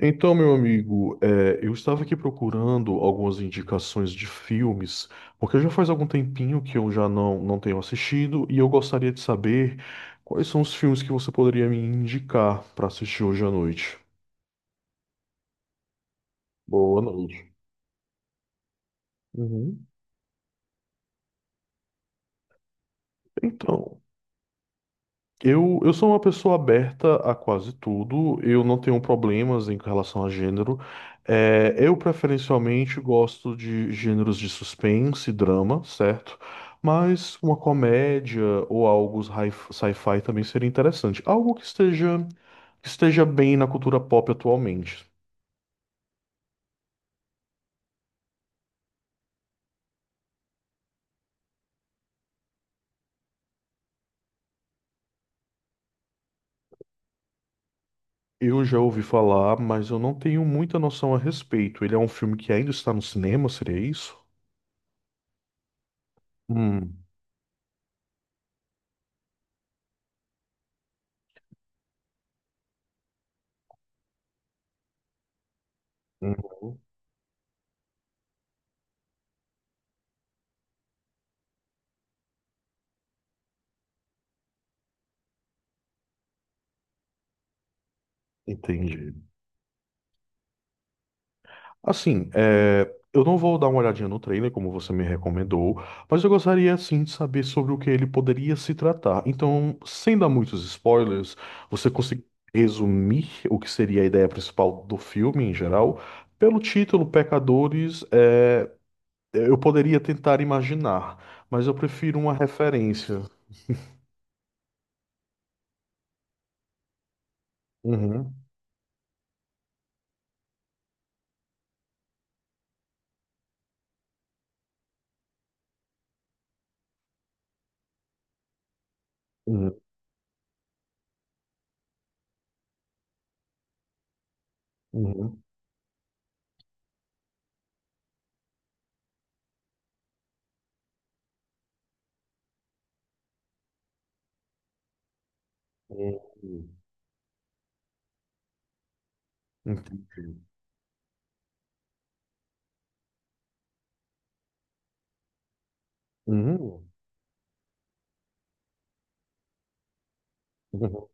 Então, meu amigo, eu estava aqui procurando algumas indicações de filmes, porque já faz algum tempinho que eu já não tenho assistido e eu gostaria de saber quais são os filmes que você poderia me indicar para assistir hoje à noite. Boa noite. Uhum. Então, Eu sou uma pessoa aberta a quase tudo, eu não tenho problemas em relação a gênero. É, eu preferencialmente gosto de gêneros de suspense, drama, certo? Mas uma comédia ou algo sci-fi também seria interessante. Algo que esteja bem na cultura pop atualmente. Eu já ouvi falar, mas eu não tenho muita noção a respeito. Ele é um filme que ainda está no cinema, seria isso? Hum, uhum, entendi. Assim, é, eu não vou dar uma olhadinha no trailer, como você me recomendou, mas eu gostaria sim de saber sobre o que ele poderia se tratar. Então, sem dar muitos spoilers, você consegue resumir o que seria a ideia principal do filme em geral? Pelo título, Pecadores, é, eu poderia tentar imaginar, mas eu prefiro uma referência. Uhum, uhum, uhum, uhum. Uhum. Entendi. Uhum, uhum.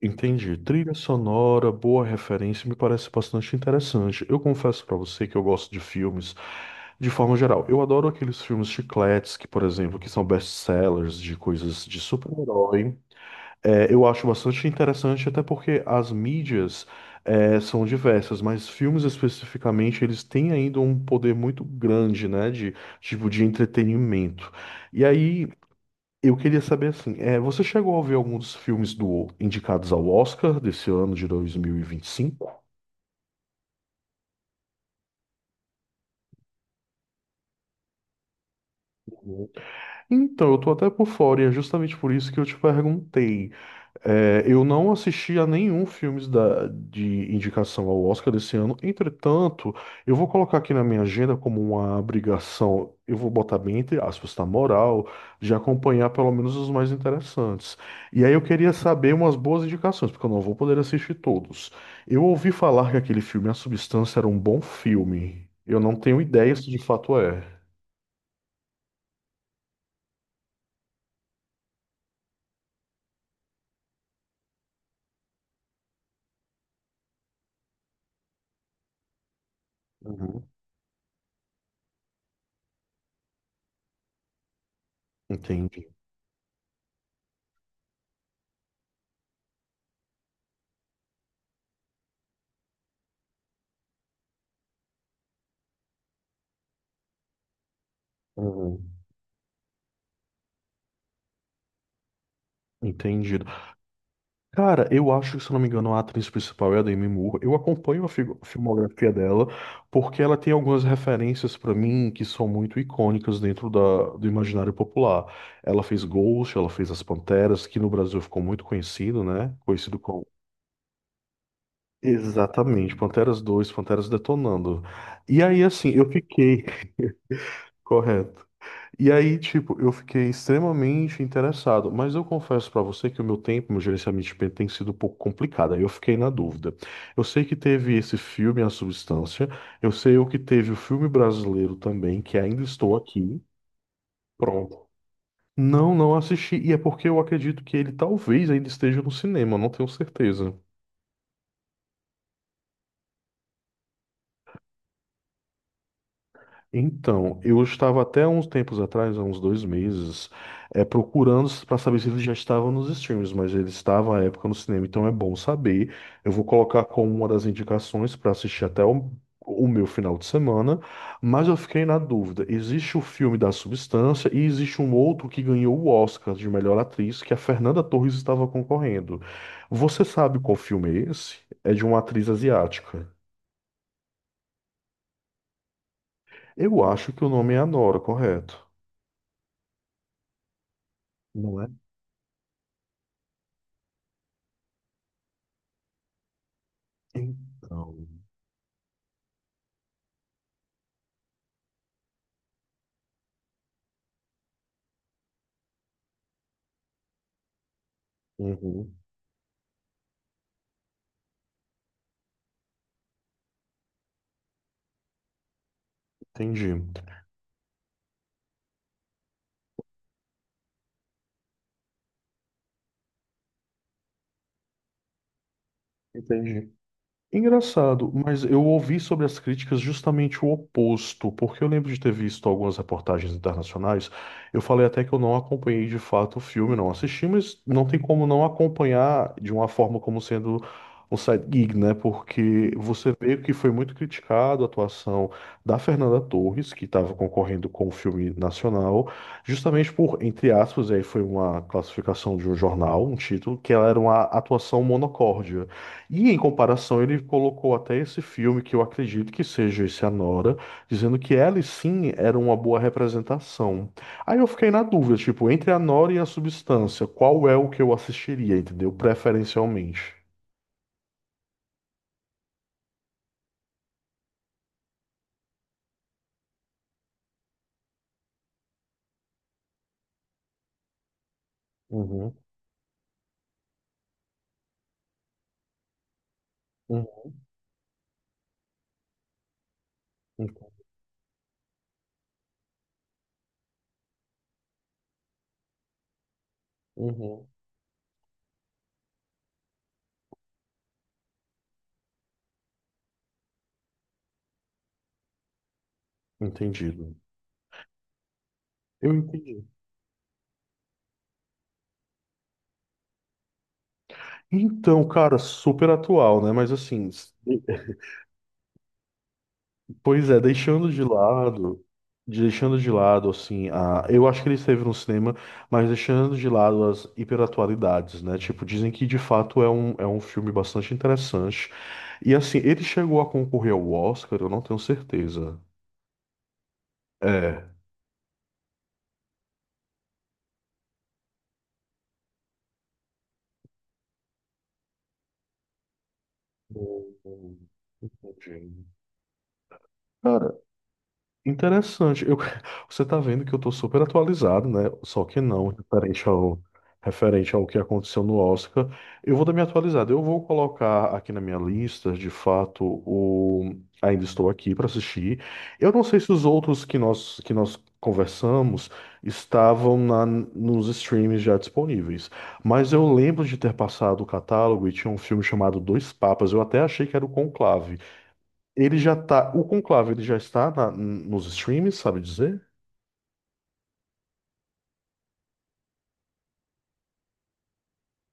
Entendi. Trilha sonora, boa referência, me parece bastante interessante. Eu confesso pra você que eu gosto de filmes de forma geral. Eu adoro aqueles filmes chicletes que, por exemplo, que são best-sellers de coisas de super-herói. É, eu acho bastante interessante, até porque as mídias, são diversas, mas filmes especificamente, eles têm ainda um poder muito grande, né, de tipo de entretenimento. E aí eu queria saber assim, é, você chegou a ver alguns dos filmes do indicados ao Oscar desse ano de 2025? Então, eu tô até por fora e é justamente por isso que eu te perguntei. É, eu não assisti a nenhum filme de indicação ao Oscar desse ano. Entretanto, eu vou colocar aqui na minha agenda como uma obrigação, eu vou botar bem entre aspas, tá, moral, de acompanhar pelo menos os mais interessantes. E aí eu queria saber umas boas indicações, porque eu não vou poder assistir todos. Eu ouvi falar que aquele filme, A Substância, era um bom filme. Eu não tenho ideia se de fato é. Uhum. Entendi. Uhum. Entendido. Cara, eu acho que, se eu não me engano, a atriz principal é a Demi Moore. Eu acompanho a a filmografia dela porque ela tem algumas referências pra mim que são muito icônicas dentro da, do imaginário popular. Ela fez Ghost, ela fez As Panteras, que no Brasil ficou muito conhecido, né? Conhecido como... Exatamente, Panteras 2, Panteras Detonando. E aí, assim, eu fiquei... Correto. E aí, tipo, eu fiquei extremamente interessado, mas eu confesso pra você que o meu tempo, meu gerenciamento de tempo tem sido um pouco complicado, aí eu fiquei na dúvida. Eu sei que teve esse filme, A Substância, eu sei o que teve o filme brasileiro também, que ainda estou aqui, pronto. Não, não assisti, e é porque eu acredito que ele talvez ainda esteja no cinema, não tenho certeza. Então, eu estava até uns tempos atrás, há uns 2 meses, é, procurando para saber se ele já estava nos streams, mas ele estava à época no cinema, então é bom saber. Eu vou colocar como uma das indicações para assistir até o meu final de semana, mas eu fiquei na dúvida. Existe o filme da Substância e existe um outro que ganhou o Oscar de melhor atriz, que é a Fernanda Torres estava concorrendo. Você sabe qual filme é esse? É de uma atriz asiática. Eu acho que o nome é Anora, correto? Não. Então, uhum, entendi, entendi. Engraçado, mas eu ouvi sobre as críticas justamente o oposto, porque eu lembro de ter visto algumas reportagens internacionais. Eu falei até que eu não acompanhei de fato o filme, não assisti, mas não tem como não acompanhar de uma forma como sendo um side gig, né? Porque você vê que foi muito criticado a atuação da Fernanda Torres, que estava concorrendo com o filme nacional, justamente por, entre aspas, aí foi uma classificação de um jornal, um título, que ela era uma atuação monocórdia. E em comparação, ele colocou até esse filme, que eu acredito que seja esse Anora, dizendo que ela sim era uma boa representação. Aí eu fiquei na dúvida, tipo, entre a Nora e a Substância, qual é o que eu assistiria, entendeu? Preferencialmente. Uhum, uhum, uhum. Entendido. Eu entendi. Então, cara, super atual, né? Mas assim, pois é, deixando de lado, assim, eu acho que ele esteve no cinema, mas deixando de lado as hiperatualidades, né? Tipo, dizem que de fato é um filme bastante interessante. E assim, ele chegou a concorrer ao Oscar, eu não tenho certeza. É. Hum, hum, entendi. Interessante. Eu, você tá vendo que eu tô super atualizado, né? Só que não, referente ao que aconteceu no Oscar. Eu vou dar minha atualizada. Eu vou colocar aqui na minha lista, de fato, o Ainda Estou Aqui para assistir. Eu não sei se os outros que nós conversamos estavam na, nos streams já disponíveis. Mas eu lembro de ter passado o catálogo e tinha um filme chamado Dois Papas. Eu até achei que era o Conclave. Ele já tá. O Conclave, ele já está nos streams, sabe dizer?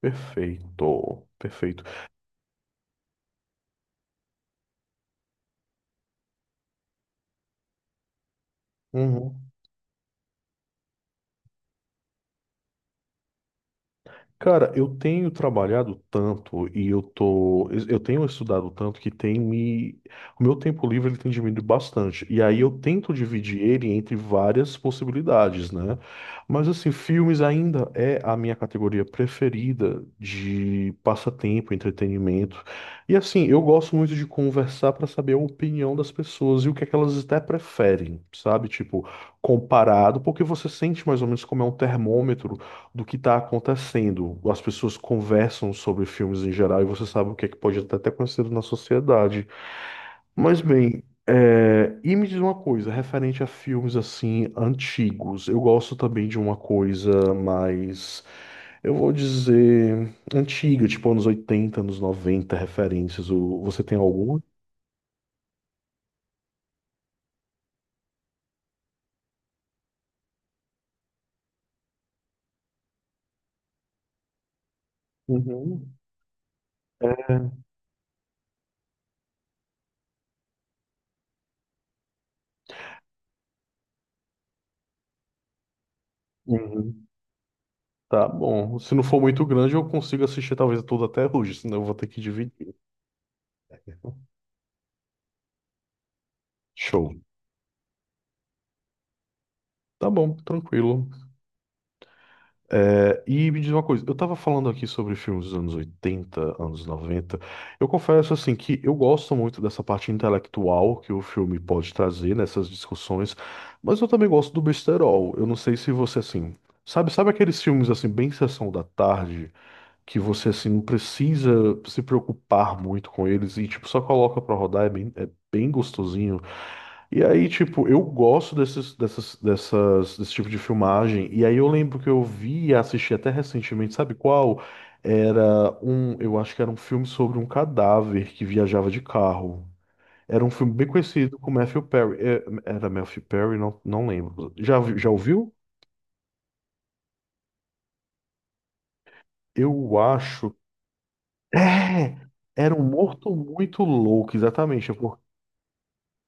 Perfeito. Perfeito. Uhum. Cara, eu tenho trabalhado tanto e eu tô, eu tenho estudado tanto que tem me, o meu tempo livre ele tem diminuído bastante. E aí eu tento dividir ele entre várias possibilidades, né? Mas assim, filmes ainda é a minha categoria preferida de passatempo, entretenimento. E assim, eu gosto muito de conversar para saber a opinião das pessoas e o que é que elas até preferem, sabe? Tipo, comparado, porque você sente mais ou menos como é um termômetro do que está acontecendo. As pessoas conversam sobre filmes em geral e você sabe o que é que pode até ter acontecido na sociedade. Mas bem, é, e me diz uma coisa, referente a filmes assim antigos, eu gosto também de uma coisa mais, eu vou dizer, antiga, tipo anos 80, anos 90, referências. Você tem alguma? Uhum. É, uhum. Tá bom. Se não for muito grande, eu consigo assistir talvez tudo até hoje, senão eu vou ter que dividir. Show. Tá bom, tranquilo. É, e me diz uma coisa, eu tava falando aqui sobre filmes dos anos 80 anos noventa. Eu confesso, assim, que eu gosto muito dessa parte intelectual que o filme pode trazer nessas discussões, mas eu também gosto do besterol. Eu não sei se você, assim, sabe aqueles filmes, assim, bem sessão da tarde, que você, assim, não precisa se preocupar muito com eles e, tipo, só coloca pra rodar, é bem gostosinho. E aí, tipo, eu gosto desse tipo de filmagem. E aí eu lembro que eu vi e assisti até recentemente, sabe qual? Era um, eu acho que era um filme sobre um cadáver que viajava de carro. Era um filme bem conhecido com Matthew Perry. É, era Matthew Perry? Não, não lembro. Já ouviu? Eu acho. É! Era um morto muito louco, exatamente. É por-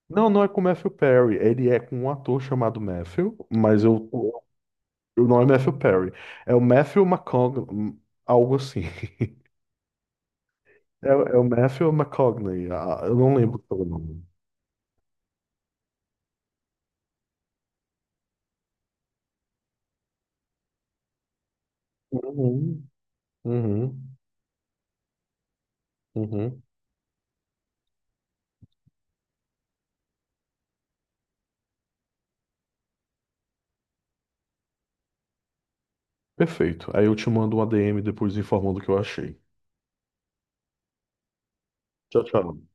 Não, não é com Matthew Perry. Ele é com um ator chamado Matthew, mas eu... O nome é Matthew Perry. É o Matthew McConaughey, algo assim. É o Matthew McConaughey. Ah, eu não lembro o nome. Uhum, uhum, uhum. Perfeito. Aí eu te mando um ADM depois informando o que eu achei. Tchau, tchau.